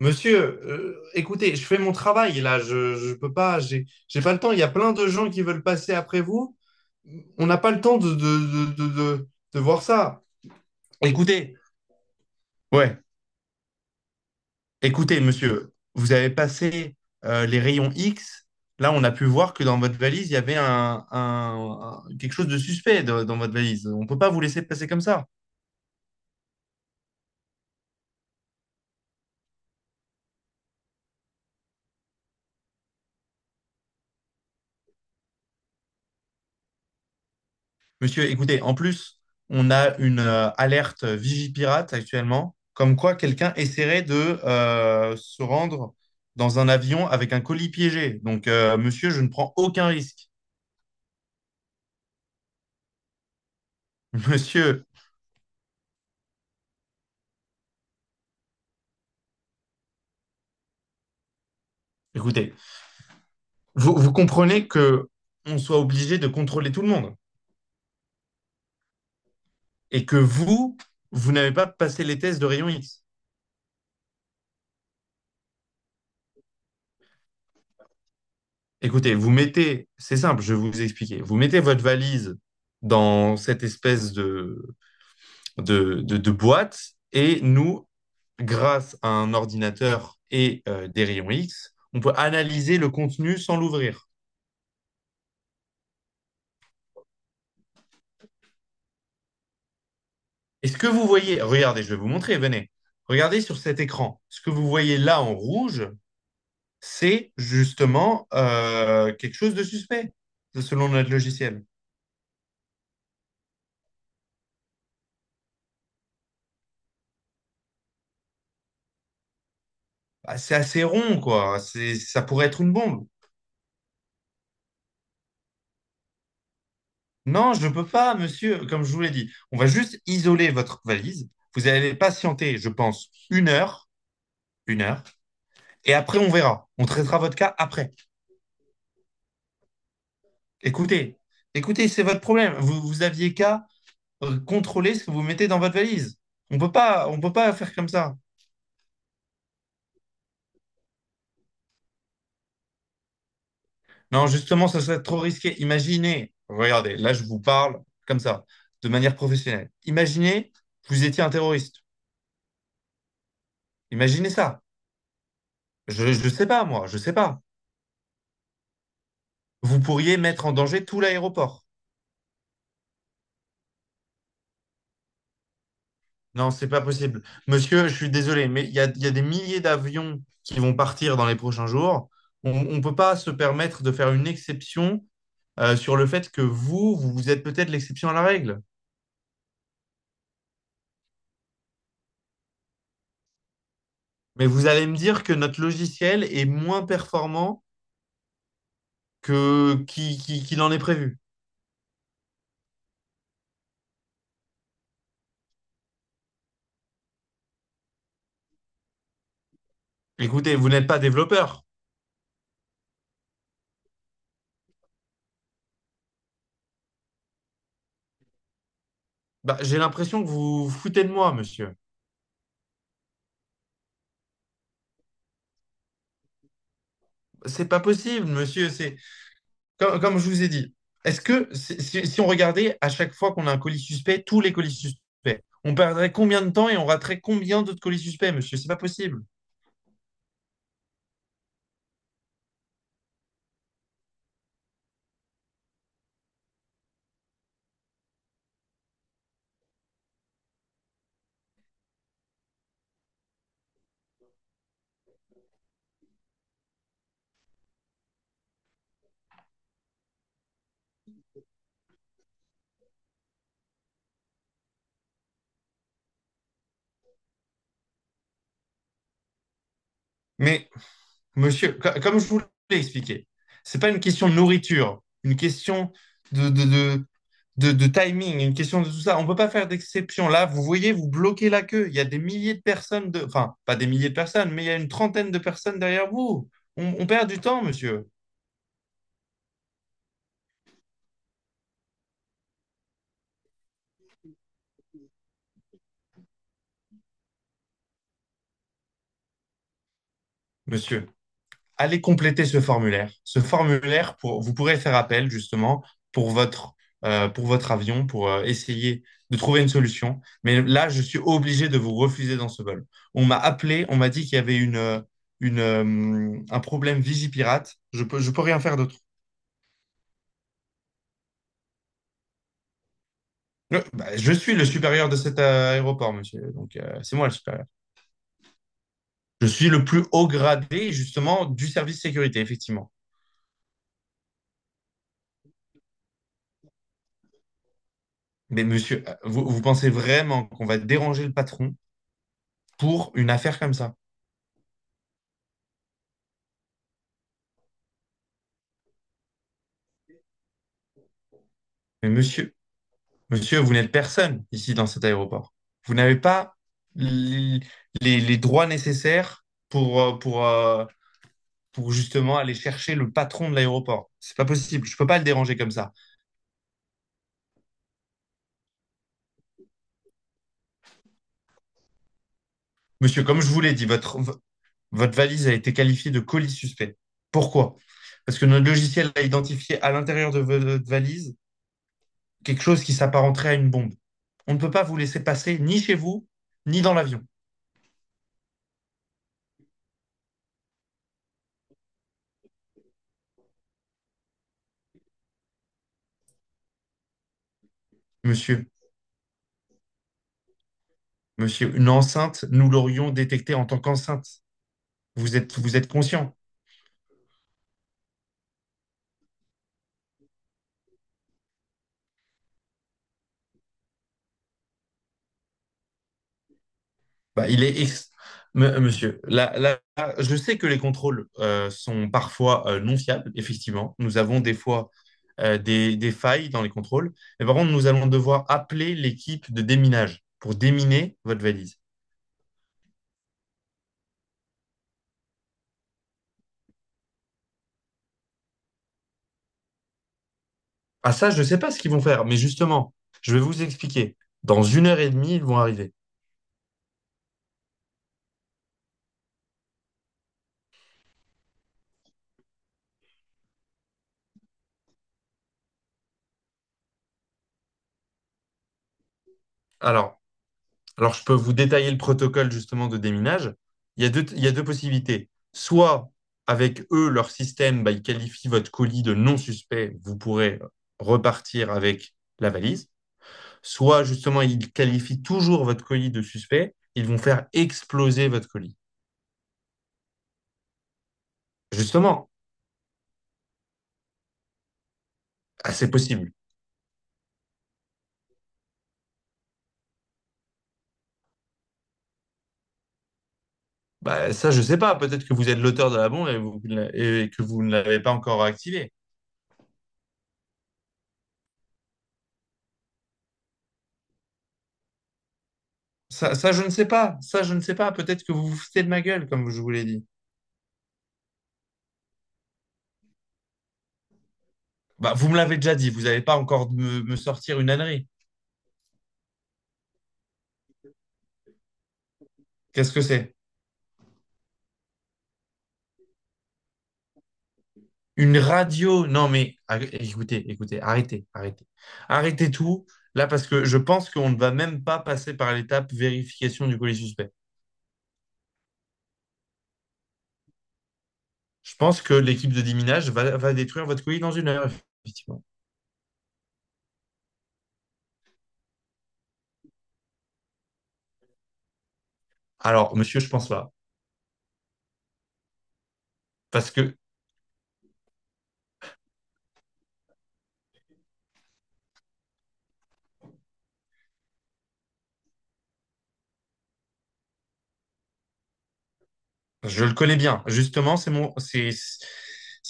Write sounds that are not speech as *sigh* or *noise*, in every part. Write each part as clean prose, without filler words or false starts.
Monsieur, écoutez, je fais mon travail là, je peux pas, j'ai pas le temps. Il y a plein de gens qui veulent passer après vous. On n'a pas le temps de voir ça. Écoutez, ouais, écoutez, monsieur, vous avez passé les rayons X. Là, on a pu voir que dans votre valise, il y avait quelque chose de suspect dans votre valise. On peut pas vous laisser passer comme ça. Monsieur, écoutez, en plus, on a une alerte Vigipirate actuellement, comme quoi quelqu'un essaierait de se rendre dans un avion avec un colis piégé. Donc, monsieur, je ne prends aucun risque. *laughs* Monsieur, écoutez, vous comprenez que on soit obligé de contrôler tout le monde et que vous n'avez pas passé les tests de rayon X. Écoutez, vous mettez, c'est simple, je vais vous expliquer. Vous mettez votre valise dans cette espèce de boîte. Et nous, grâce à un ordinateur et des rayons X, on peut analyser le contenu sans l'ouvrir. Et ce que vous voyez, regardez, je vais vous montrer, venez. Regardez sur cet écran. Ce que vous voyez là en rouge, c'est justement quelque chose de suspect, selon notre logiciel. Bah, c'est assez rond, quoi. C'est, ça pourrait être une bombe. Non, je ne peux pas, monsieur, comme je vous l'ai dit. On va juste isoler votre valise. Vous allez patienter, je pense, une heure, une heure. Et après, on verra. On traitera votre cas après. Écoutez, écoutez, c'est votre problème. Vous aviez qu'à contrôler ce que vous mettez dans votre valise. On peut pas faire comme ça. Non, justement, ce serait trop risqué. Imaginez, regardez, là, je vous parle comme ça, de manière professionnelle. Imaginez que vous étiez un terroriste. Imaginez ça. Je sais pas, moi, je sais pas. Vous pourriez mettre en danger tout l'aéroport. Non, c'est pas possible. Monsieur, je suis désolé, mais il y a des milliers d'avions qui vont partir dans les prochains jours. On ne peut pas se permettre de faire une exception sur le fait que vous vous êtes peut-être l'exception à la règle. Mais vous allez me dire que notre logiciel est moins performant que qu'il en est prévu. Écoutez, vous n'êtes pas développeur. Bah, j'ai l'impression que vous vous foutez de moi, monsieur. C'est pas possible, monsieur. C'est comme je vous ai dit, est-ce que si, si on regardait à chaque fois qu'on a un colis suspect, tous les colis suspects, on perdrait combien de temps et on raterait combien d'autres colis suspects, monsieur? C'est pas possible. Mais monsieur, comme je vous l'ai expliqué, c'est pas une question de nourriture, une question de, de, de, de timing, une question de tout ça. On ne peut pas faire d'exception. Là, vous voyez, vous bloquez la queue. Il y a des milliers de personnes, de… enfin, pas des milliers de personnes, mais il y a une trentaine de personnes derrière vous. On perd du temps, monsieur. Monsieur, allez compléter ce formulaire. Ce formulaire, pour, vous pourrez faire appel justement pour votre, pour votre avion, pour essayer de trouver une solution. Mais là, je suis obligé de vous refuser dans ce vol. On m'a appelé, on m'a dit qu'il y avait une, un problème Vigipirate. Je peux rien faire d'autre. Bah, je suis le supérieur de cet aéroport, monsieur. Donc, c'est moi le supérieur. Je suis le plus haut gradé, justement, du service sécurité, effectivement. Mais monsieur, vous pensez vraiment qu'on va déranger le patron pour une affaire comme ça. Mais monsieur, monsieur, vous n'êtes personne ici dans cet aéroport. Vous n'avez pas les, les droits nécessaires pour justement aller chercher le patron de l'aéroport. C'est pas possible. Je peux pas le déranger comme ça. Monsieur, comme je vous l'ai dit, votre valise a été qualifiée de colis suspect. Pourquoi? Parce que notre logiciel a identifié à l'intérieur de votre valise quelque chose qui s'apparenterait à une bombe. On ne peut pas vous laisser passer ni chez vous, ni dans l'avion. Monsieur, monsieur, une enceinte, nous l'aurions détectée en tant qu'enceinte. Vous êtes conscient. Bah, il est ex- M- Monsieur, là, là, là, je sais que les contrôles sont parfois non fiables, effectivement. Nous avons des fois des failles dans les contrôles. Et par contre, nous allons devoir appeler l'équipe de déminage pour déminer votre valise. Ah ça, je ne sais pas ce qu'ils vont faire, mais justement, je vais vous expliquer. Dans une heure et demie, ils vont arriver. Alors, Alors, je peux vous détailler le protocole justement de déminage. Il y a deux possibilités. Soit avec eux, leur système, bah, ils qualifient votre colis de non suspect, vous pourrez repartir avec la valise. Soit justement, ils qualifient toujours votre colis de suspect, ils vont faire exploser votre colis. Justement, ah, c'est possible. Bah, ça, je ne sais pas. Peut-être que vous êtes l'auteur de la bombe et, et que vous ne l'avez pas encore activé. Ça, je ne sais pas. Ça, je ne sais pas. Peut-être que vous vous foutez de ma gueule, comme je vous l'ai dit. Bah, vous me l'avez déjà dit, vous n'allez pas encore me sortir une ânerie. Qu'est-ce que c'est? Une radio? Non, mais écoutez, écoutez, arrêtez, arrêtez. Arrêtez tout, là, parce que je pense qu'on ne va même pas passer par l'étape vérification du colis suspect. Je pense que l'équipe de déminage va détruire votre colis dans une heure, effectivement. Alors, monsieur, je pense pas. Parce que je le connais bien. Justement, c'est mon, c'est-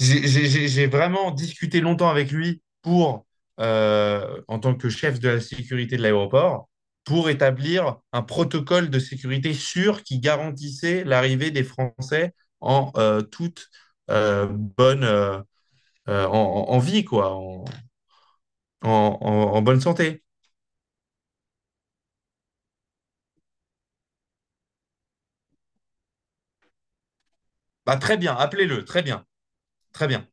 j'ai vraiment discuté longtemps avec lui pour, en tant que chef de la sécurité de l'aéroport, pour établir un protocole de sécurité sûr qui garantissait l'arrivée des Français en toute euh, bonne, euh, en vie, quoi, en- en- en bonne santé. Bah, très bien, appelez-le, très bien, très bien.